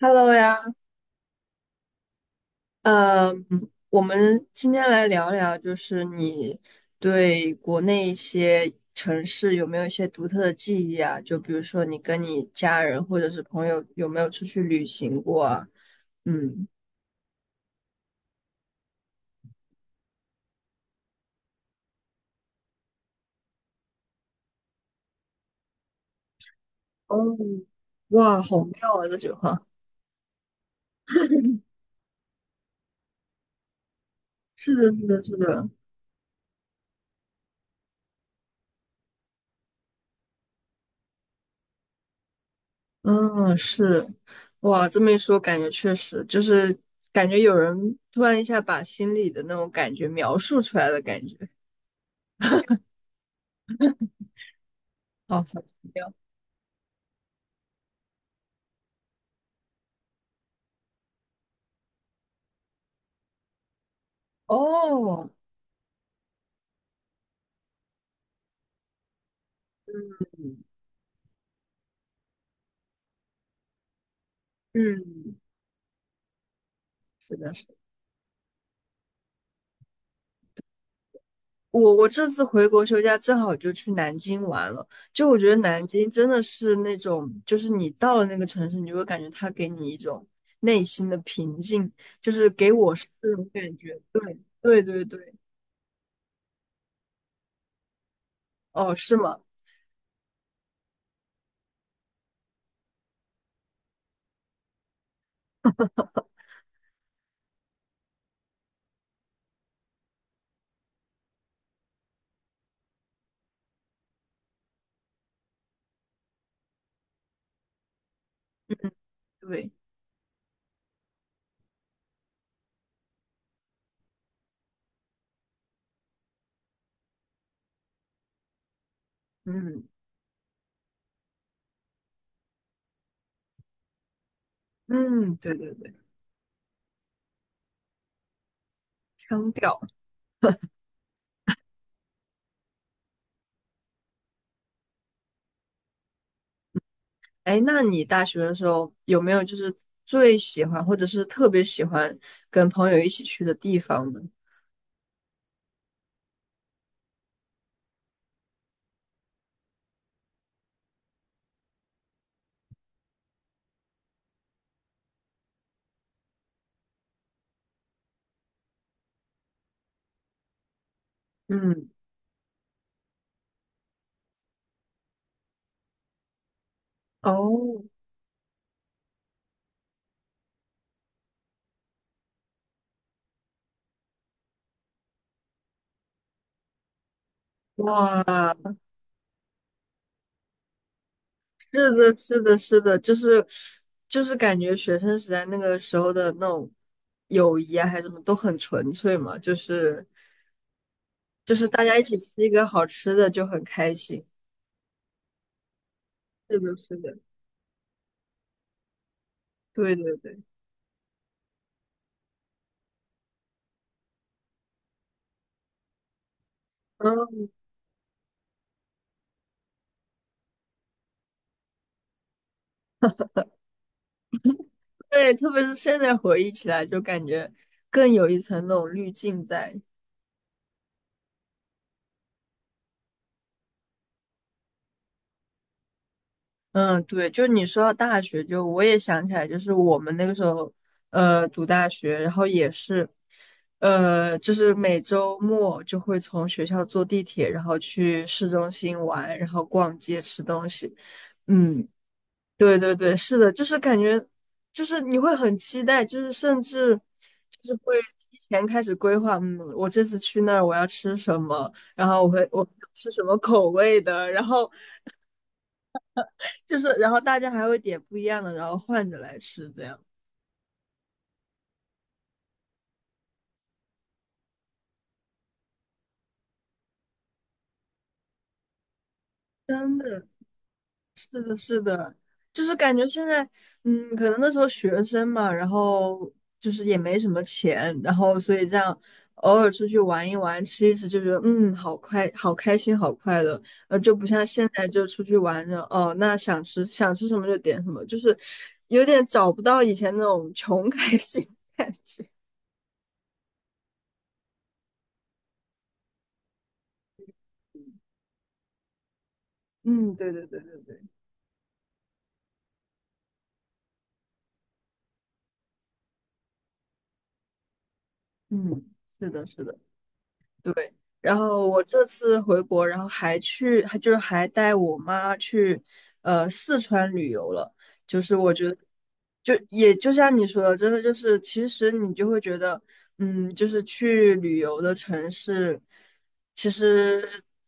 Hello 呀，嗯，我们今天来聊聊，就是你对国内一些城市有没有一些独特的记忆啊？就比如说你跟你家人或者是朋友有没有出去旅行过啊？嗯，哦，哇，好妙啊！这句话是的，是的，是的。嗯，是，哇，这么一说，感觉确实就是感觉有人突然一下把心里的那种感觉描述出来的感觉。哦，好奇妙。哦，嗯，是的，是的。我这次回国休假正好就去南京玩了。就我觉得南京真的是那种，就是你到了那个城市，你就会感觉它给你一种内心的平静，就是给我是这种感觉。对，对对对。哦，是吗？对，嗯嗯，对对对，腔调。哎，那你大学的时候有没有就是最喜欢或者是特别喜欢跟朋友一起去的地方呢？嗯，哦，哇。是的，是的，是的，就是就是感觉学生时代那个时候的那种友谊啊，还是什么都很纯粹嘛，就是就是大家一起吃一个好吃的就很开心。是的，是的，对对对。嗯，对，特别是现在回忆起来，就感觉更有一层那种滤镜在。嗯，对，就你说到大学，就我也想起来，就是我们那个时候，读大学，然后也是，就是每周末就会从学校坐地铁，然后去市中心玩，然后逛街吃东西。嗯，对对对，是的，就是感觉，就是你会很期待，就是甚至就是会提前开始规划。嗯，我这次去那儿我要吃什么，然后我吃什么口味的，然后就是然后大家还会点不一样的，然后换着来吃，这样真的是的，是的，就是感觉现在。嗯，可能那时候学生嘛，然后就是也没什么钱，然后所以这样偶尔出去玩一玩，吃一吃，就觉得嗯，好快，好开心，好快乐。就不像现在就出去玩着，哦，那想吃想吃什么就点什么，就是有点找不到以前那种穷开心的感觉。嗯，对对对对对。嗯，是的，是的。对，然后我这次回国，然后还去，还就是还带我妈去，四川旅游了。就是我觉得，就也就像你说的，真的就是，其实你就会觉得。嗯，就是去旅游的城市，其实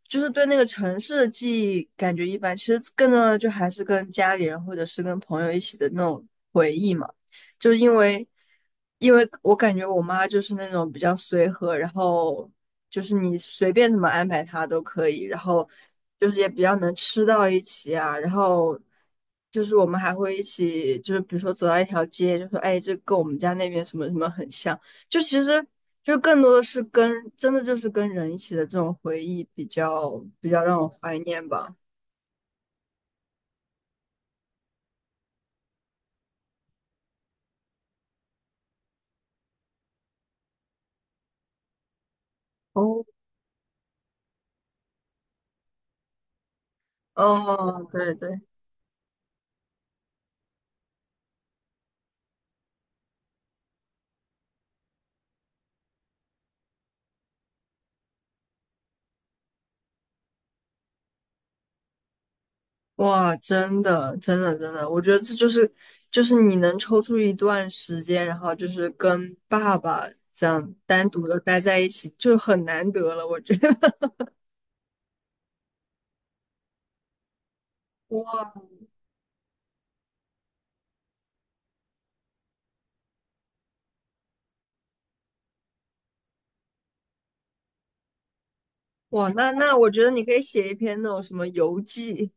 就是对那个城市的记忆感觉一般。其实更多的就还是跟家里人或者是跟朋友一起的那种回忆嘛。就是因为，因为我感觉我妈就是那种比较随和，然后就是你随便怎么安排她都可以，然后就是也比较能吃到一起啊，然后就是我们还会一起，就是比如说走到一条街，就说哎，这跟我们家那边什么什么很像，就其实就更多的是跟真的就是跟人一起的这种回忆比较比较让我怀念吧。哦，哦，对对。哇，真的，真的，真的，我觉得这就是就是你能抽出一段时间，然后就是跟爸爸这样单独的待在一起，就很难得了，我觉得。哇哇，那那我觉得你可以写一篇那种什么游记。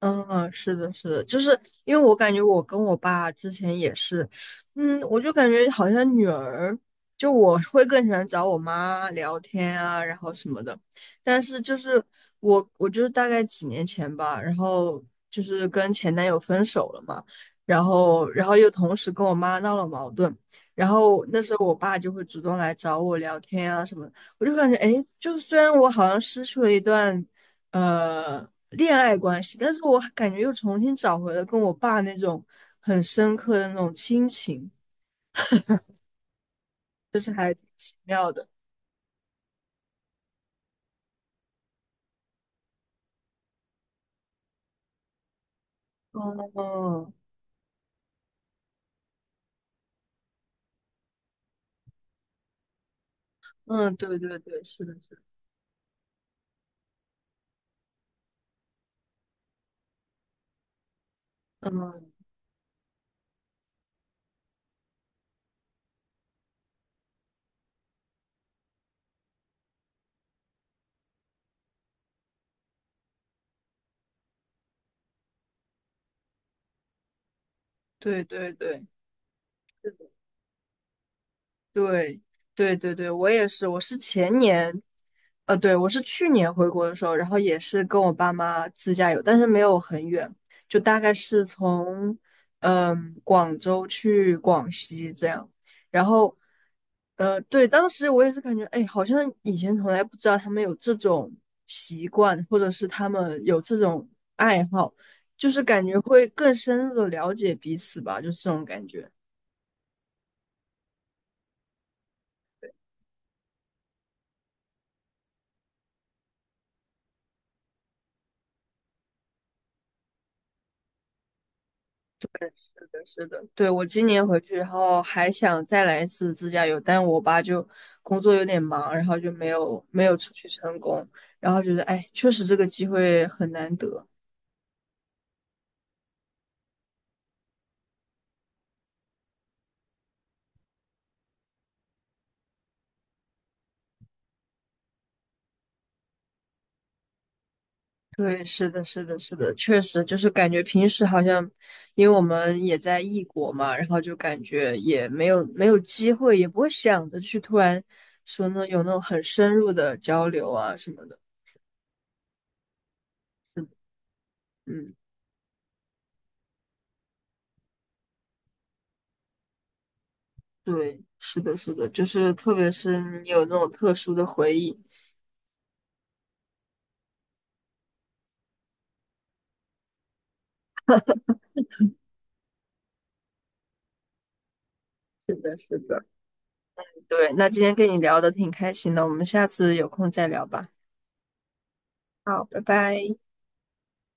嗯，是的，是的，就是因为我感觉我跟我爸之前也是。嗯，我就感觉好像女儿，就我会更喜欢找我妈聊天啊，然后什么的。但是就是我就是大概几年前吧，然后就是跟前男友分手了嘛，然后然后又同时跟我妈闹了矛盾，然后那时候我爸就会主动来找我聊天啊什么的我就感觉，哎，就虽然我好像失去了一段。恋爱关系，但是我感觉又重新找回了跟我爸那种很深刻的那种亲情，奇妙的。哦，嗯，对对对，是的，是的。嗯，对对对，对，对对对，我也是，我是前年，对，我是去年回国的时候，然后也是跟我爸妈自驾游，但是没有很远，就大概是从嗯广州去广西这样，然后对，当时我也是感觉，哎，好像以前从来不知道他们有这种习惯，或者是他们有这种爱好，就是感觉会更深入的了解彼此吧，就是这种感觉。是的，对，我今年回去，然后还想再来一次自驾游，但我爸就工作有点忙，然后就没有出去成功，然后觉得哎，确实这个机会很难得。对，是的，是的，是的，确实就是感觉平时好像，因为我们也在异国嘛，然后就感觉也没有机会，也不会想着去突然说呢有那种很深入的交流啊什么的。嗯，对，是的，是的，就是特别是你有那种特殊的回忆。的，是的，对。那今天跟你聊的挺开心的，我们下次有空再聊吧。好，拜拜。